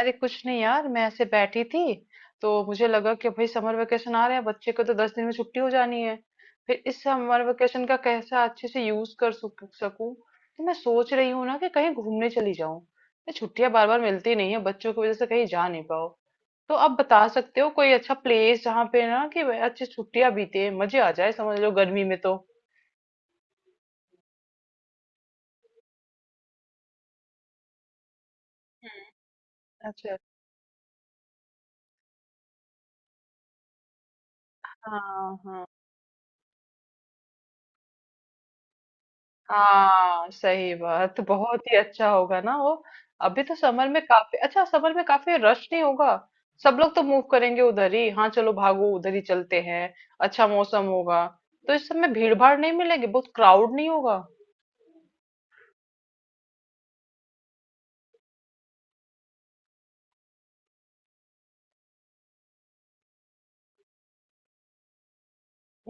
अरे कुछ नहीं यार, मैं ऐसे बैठी थी। तो मुझे लगा कि भाई समर वेकेशन आ रहे हैं, बच्चे को तो 10 दिन में छुट्टी हो जानी है। फिर इस समर वेकेशन का कैसा अच्छे से यूज कर सकूं। तो मैं सोच रही हूँ ना कि कहीं घूमने चली जाऊं। ये छुट्टियां बार बार मिलती नहीं है, बच्चों की वजह से कहीं जा नहीं पाओ। तो आप बता सकते हो कोई अच्छा प्लेस जहाँ पे ना कि अच्छी छुट्टियां बीते, मजे आ जाए, समझ लो गर्मी में तो। अच्छा। हाँ हाँ। हाँ सही बात, बहुत ही अच्छा होगा ना वो। अभी तो समर में काफी अच्छा, समर में काफी रश नहीं होगा। सब लोग तो मूव करेंगे उधर ही। हाँ चलो, भागो उधर ही चलते हैं। अच्छा मौसम होगा, तो इस समय भीड़ भाड़ नहीं मिलेगी, बहुत क्राउड नहीं होगा।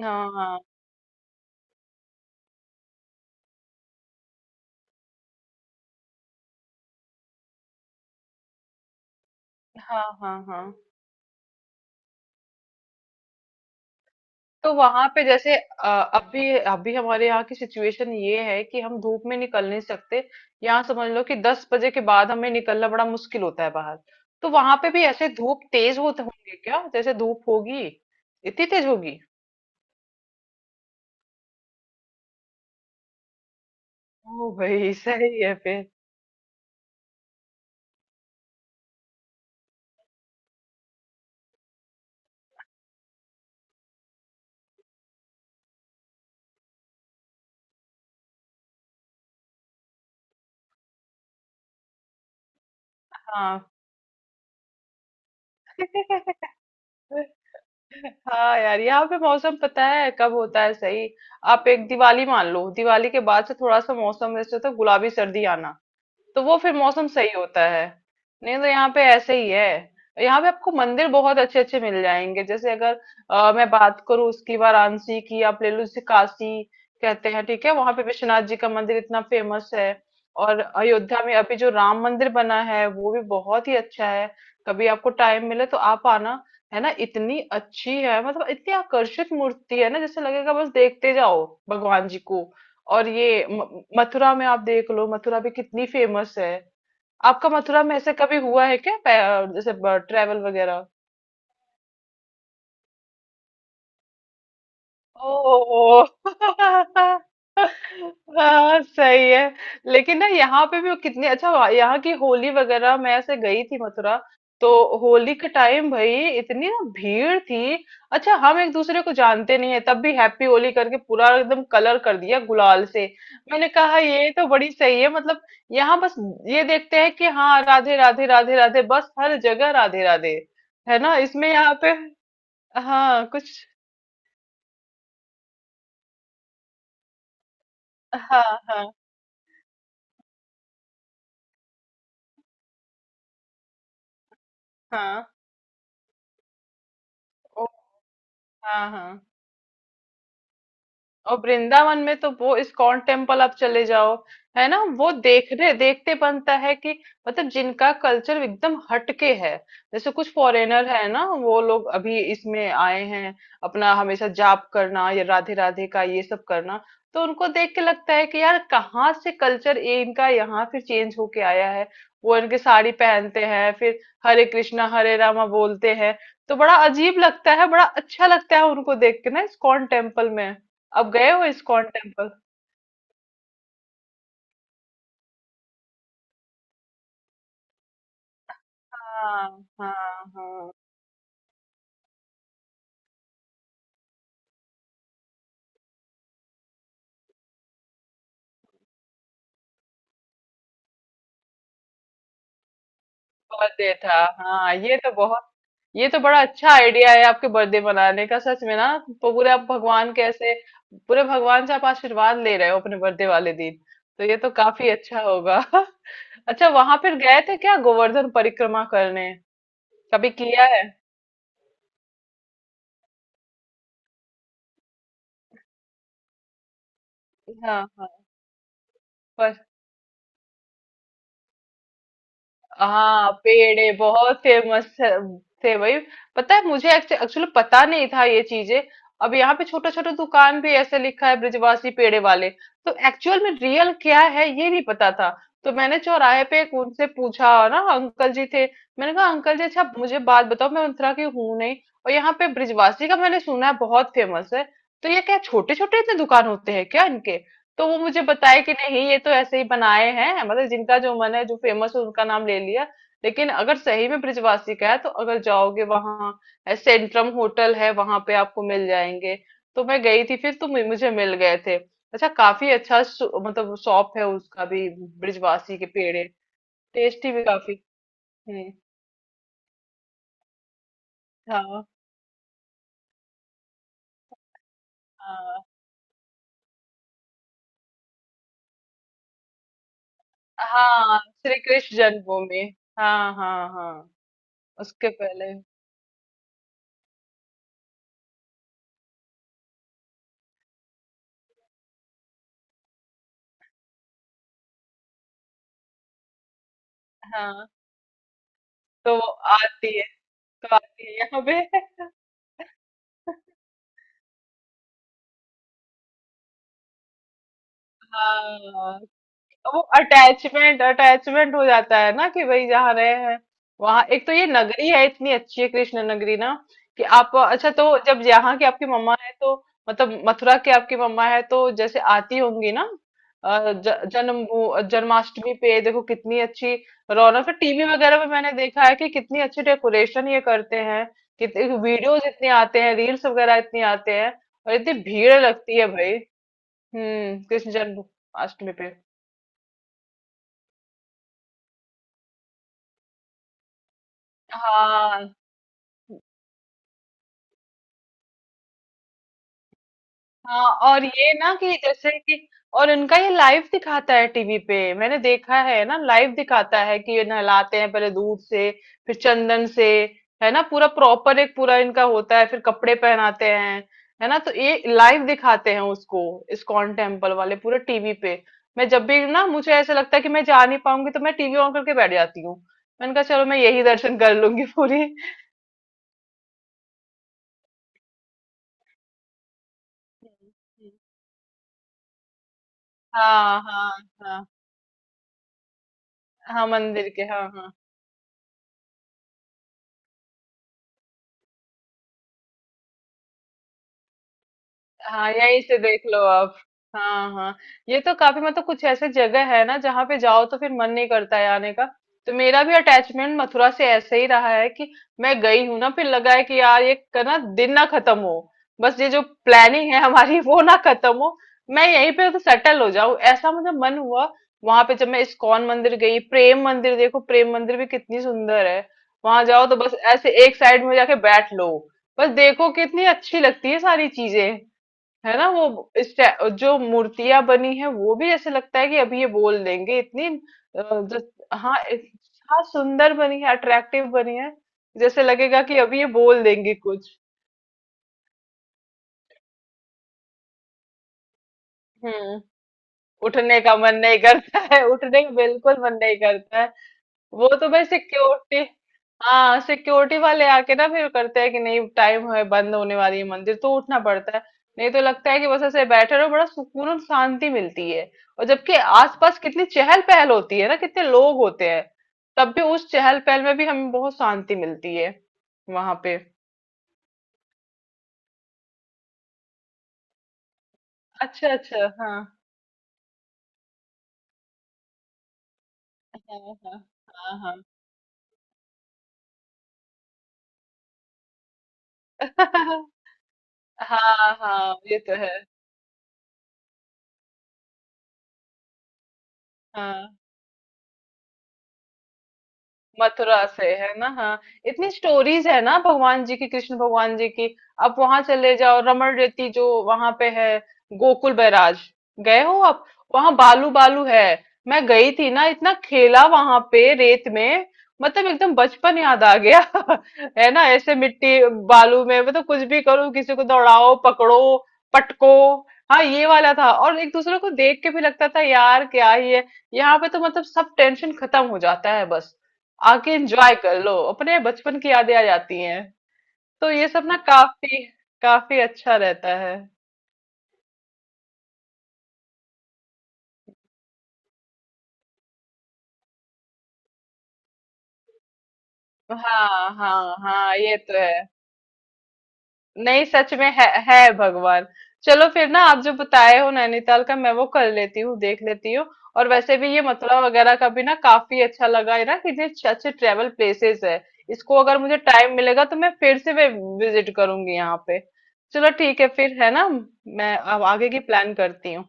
हाँ हाँ। हाँ हाँ हाँ। तो वहां पे जैसे अभी अभी हमारे यहाँ की सिचुएशन ये है कि हम धूप में निकल नहीं सकते। यहाँ समझ लो कि 10 बजे के बाद हमें निकलना बड़ा मुश्किल होता है बाहर। तो वहां पे भी ऐसे धूप तेज होते होंगे क्या? जैसे धूप होगी इतनी तेज होगी? ओ भाई सही है फिर। हाँ। हाँ यार, यहाँ पे मौसम पता है कब होता है सही? आप एक दिवाली मान लो, दिवाली के बाद से थोड़ा सा मौसम जैसे तो गुलाबी सर्दी आना, तो वो फिर मौसम सही होता है। नहीं तो यहाँ पे ऐसे ही है। यहाँ पे आपको मंदिर बहुत अच्छे अच्छे मिल जाएंगे। जैसे अगर मैं बात करूँ उसकी, वाराणसी की आप ले लो, जैसे काशी कहते हैं, ठीक है, वहां पे विश्वनाथ जी का मंदिर इतना फेमस है। और अयोध्या में अभी जो राम मंदिर बना है वो भी बहुत ही अच्छा है। कभी आपको टाइम मिले तो आप आना। है ना इतनी अच्छी है, मतलब इतनी आकर्षित मूर्ति है ना, जैसे लगेगा बस देखते जाओ भगवान जी को। और ये मथुरा में आप देख लो, मथुरा भी कितनी फेमस है। आपका मथुरा में ऐसे कभी हुआ है क्या, जैसे ट्रेवल वगैरह? ओ। हाँ सही है। लेकिन ना यहाँ पे भी वो कितनी अच्छा, यहाँ की होली वगैरह, मैं ऐसे गई थी मथुरा। तो होली के टाइम भाई, इतनी ना भीड़ थी। अच्छा, हम एक दूसरे को जानते नहीं है तब भी हैप्पी होली करके पूरा एकदम कलर कर दिया गुलाल से। मैंने कहा ये तो बड़ी सही है, मतलब यहाँ बस ये देखते हैं कि हाँ राधे राधे राधे राधे, बस हर जगह राधे राधे है ना इसमें यहाँ पे। हाँ कुछ। हाँ हाँ। हाँ ओह! हाँ, हाँ। और वृंदावन में तो वो इस्कॉन टेम्पल आप चले जाओ, है ना, वो देखने देखते बनता है कि मतलब जिनका कल्चर एकदम हटके है, जैसे कुछ फॉरेनर है ना वो लोग अभी इसमें आए हैं, अपना हमेशा जाप करना या राधे राधे का ये सब करना। तो उनको देख के लगता है कि यार कहाँ से कल्चर ये इनका यहाँ फिर चेंज होके आया है। वो इनके साड़ी पहनते हैं फिर, हरे कृष्णा हरे रामा बोलते हैं। तो बड़ा अजीब लगता है, बड़ा अच्छा लगता है उनको देख के ना इस्कॉन टेम्पल में। अब गए हो इस्कॉन टेम्पल? हाँ हाँ हाँ। बर्थडे था, हाँ ये तो बहुत, ये तो बड़ा अच्छा आइडिया है आपके बर्थडे मनाने का। सच में ना, तो पूरे आप भगवान के ऐसे, पूरे भगवान से आप आशीर्वाद ले रहे हो अपने बर्थडे वाले दिन, तो ये तो काफी अच्छा होगा। अच्छा वहां फिर गए थे क्या गोवर्धन परिक्रमा करने, कभी किया है? हाँ हाँ। हाँ पेड़े बहुत फेमस थे भाई। पता है मुझे, एक्चुअली पता नहीं था ये चीजें। अब यहाँ पे छोटा छोटा दुकान भी ऐसे लिखा है ब्रिजवासी पेड़े वाले। तो एक्चुअल में रियल क्या है ये नहीं पता था। तो मैंने चौराहे पे एक उनसे पूछा ना, अंकल जी थे। मैंने कहा अंकल जी अच्छा मुझे बात बताओ, मैं उतरा की हूँ नहीं, और यहाँ पे ब्रिजवासी का मैंने सुना है बहुत फेमस है, तो ये क्या छोटे छोटे इतने दुकान होते हैं क्या इनके? तो वो मुझे बताए कि नहीं ये तो ऐसे ही बनाए हैं, मतलब जिनका जो मन है, जो फेमस है उनका नाम ले लिया। लेकिन अगर सही में ब्रिजवासी का है तो अगर जाओगे, वहां सेंट्रम होटल है, वहां पे आपको मिल जाएंगे। तो मैं गई थी फिर, तो मुझे मिल गए थे। अच्छा काफी अच्छा मतलब शॉप है उसका भी, ब्रिजवासी के पेड़े, टेस्टी भी काफी। हम्म। हाँ हाँ हाँ। श्री कृष्ण जन्मभूमि। हाँ हाँ हाँ। उसके पहले। हाँ। तो वो आती है, तो आती है यहाँ पे। हाँ, वो अटैचमेंट अटैचमेंट हो जाता है ना कि भाई जहाँ रहे हैं, वहां। एक तो ये नगरी है इतनी अच्छी है, कृष्ण नगरी ना, कि आप अच्छा तो जब यहाँ की आपकी मम्मा है तो, मतलब मथुरा की आपकी मम्मा है तो जैसे आती होंगी ना। जन्म वो, जन्माष्टमी पे देखो कितनी अच्छी रौनक, टीवी वगैरह में मैंने देखा है कि कितनी अच्छी डेकोरेशन ये करते हैं। कितने वीडियोज इतने आते हैं, रील्स वगैरह इतने आते हैं, और इतनी भीड़ लगती है भाई। कृष्ण जन्माष्टमी पे। हाँ हाँ और ये ना कि जैसे कि, और इनका ये लाइव दिखाता है टीवी पे, मैंने देखा है ना, लाइव दिखाता है कि ये नहलाते हैं पहले दूध से, फिर चंदन से, है ना, पूरा प्रॉपर एक पूरा इनका होता है, फिर कपड़े पहनाते हैं, है ना, तो ये लाइव दिखाते हैं उसको, इस्कॉन टेम्पल वाले, पूरे टीवी पे। मैं जब भी ना मुझे ऐसा लगता है कि मैं जा नहीं पाऊंगी तो मैं टीवी ऑन करके बैठ जाती हूँ। मैंने कहा चलो मैं यही दर्शन कर लूंगी पूरी। हम्म, हाँ हाँ हाँ। हाँ मंदिर के, हाँ हाँ। हाँ यहीं से देख लो आप। हाँ हाँ। ये तो काफी, मतलब कुछ ऐसे जगह है ना जहाँ पे जाओ तो फिर मन नहीं करता है आने का। तो मेरा भी अटैचमेंट मथुरा से ऐसे ही रहा है कि मैं गई हूँ ना, फिर लगा है कि यार ये का ना दिन ना खत्म हो, बस ये जो प्लानिंग है हमारी वो ना खत्म हो, मैं यहीं पे तो सेटल हो जाऊं, ऐसा मुझे मन हुआ। वहां पे जब मैं इस्कॉन मंदिर गई, प्रेम मंदिर देखो, प्रेम मंदिर भी कितनी सुंदर है। वहां जाओ तो बस ऐसे एक साइड में जाके बैठ लो, बस देखो कितनी अच्छी लगती है सारी चीजें। है ना वो जो मूर्तियां बनी है वो भी ऐसे लगता है कि अभी ये बोल देंगे, इतनी अ, जो- हाँ इतना सुंदर बनी है, अट्रैक्टिव बनी है, जैसे लगेगा कि अभी ये बोल देंगे कुछ। हम्म। उठने का मन नहीं करता है, उठने का बिल्कुल मन नहीं करता है। वो तो भाई सिक्योरिटी, हाँ सिक्योरिटी वाले आके ना फिर करते हैं कि नहीं टाइम है, बंद होने वाली है मंदिर, तो उठना पड़ता है। नहीं तो लगता है कि बस ऐसे बैठे रहो, बड़ा सुकून और शांति मिलती है। और जबकि आसपास कितनी चहल पहल होती है ना, कितने लोग होते हैं, तब भी उस चहल पहल में भी हमें बहुत शांति मिलती है वहां पे। अच्छा अच्छा। हाँ हाँ हाँ हाँ। हाँ हाँ हाँ, ये तो है। हाँ मथुरा से है ना, हाँ। इतनी स्टोरीज है ना भगवान जी की, कृष्ण भगवान जी की। आप वहां चले जाओ, रमण रेती जो वहां पे है, गोकुल बैराज, गए हो आप? वहां बालू बालू है, मैं गई थी ना, इतना खेला वहां पे रेत में, मतलब एकदम बचपन याद आ गया। है ना ऐसे मिट्टी, बालू में मतलब कुछ भी करो, किसी को दौड़ाओ, पकड़ो, पटको, हाँ ये वाला था। और एक दूसरे को देख के भी लगता था यार क्या ही है, यहाँ पे तो मतलब सब टेंशन खत्म हो जाता है, बस आके एंजॉय कर लो, अपने बचपन की यादें आ जाती हैं। तो ये सब ना काफी काफी अच्छा रहता है। हाँ हाँ हाँ, ये तो है। नहीं सच में है भगवान। चलो फिर ना, आप जो बताए हो नैनीताल का मैं वो कर लेती हूँ, देख लेती हूँ। और वैसे भी ये मथुरा वगैरह का भी ना काफी अच्छा लगा है, ना कि इतने अच्छे अच्छे ट्रेवल प्लेसेस है। इसको अगर मुझे टाइम मिलेगा तो मैं फिर से विजिट करूंगी यहाँ पे। चलो ठीक है फिर, है ना। मैं अब आगे की प्लान करती हूँ।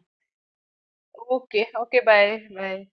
Okay okay bye bye.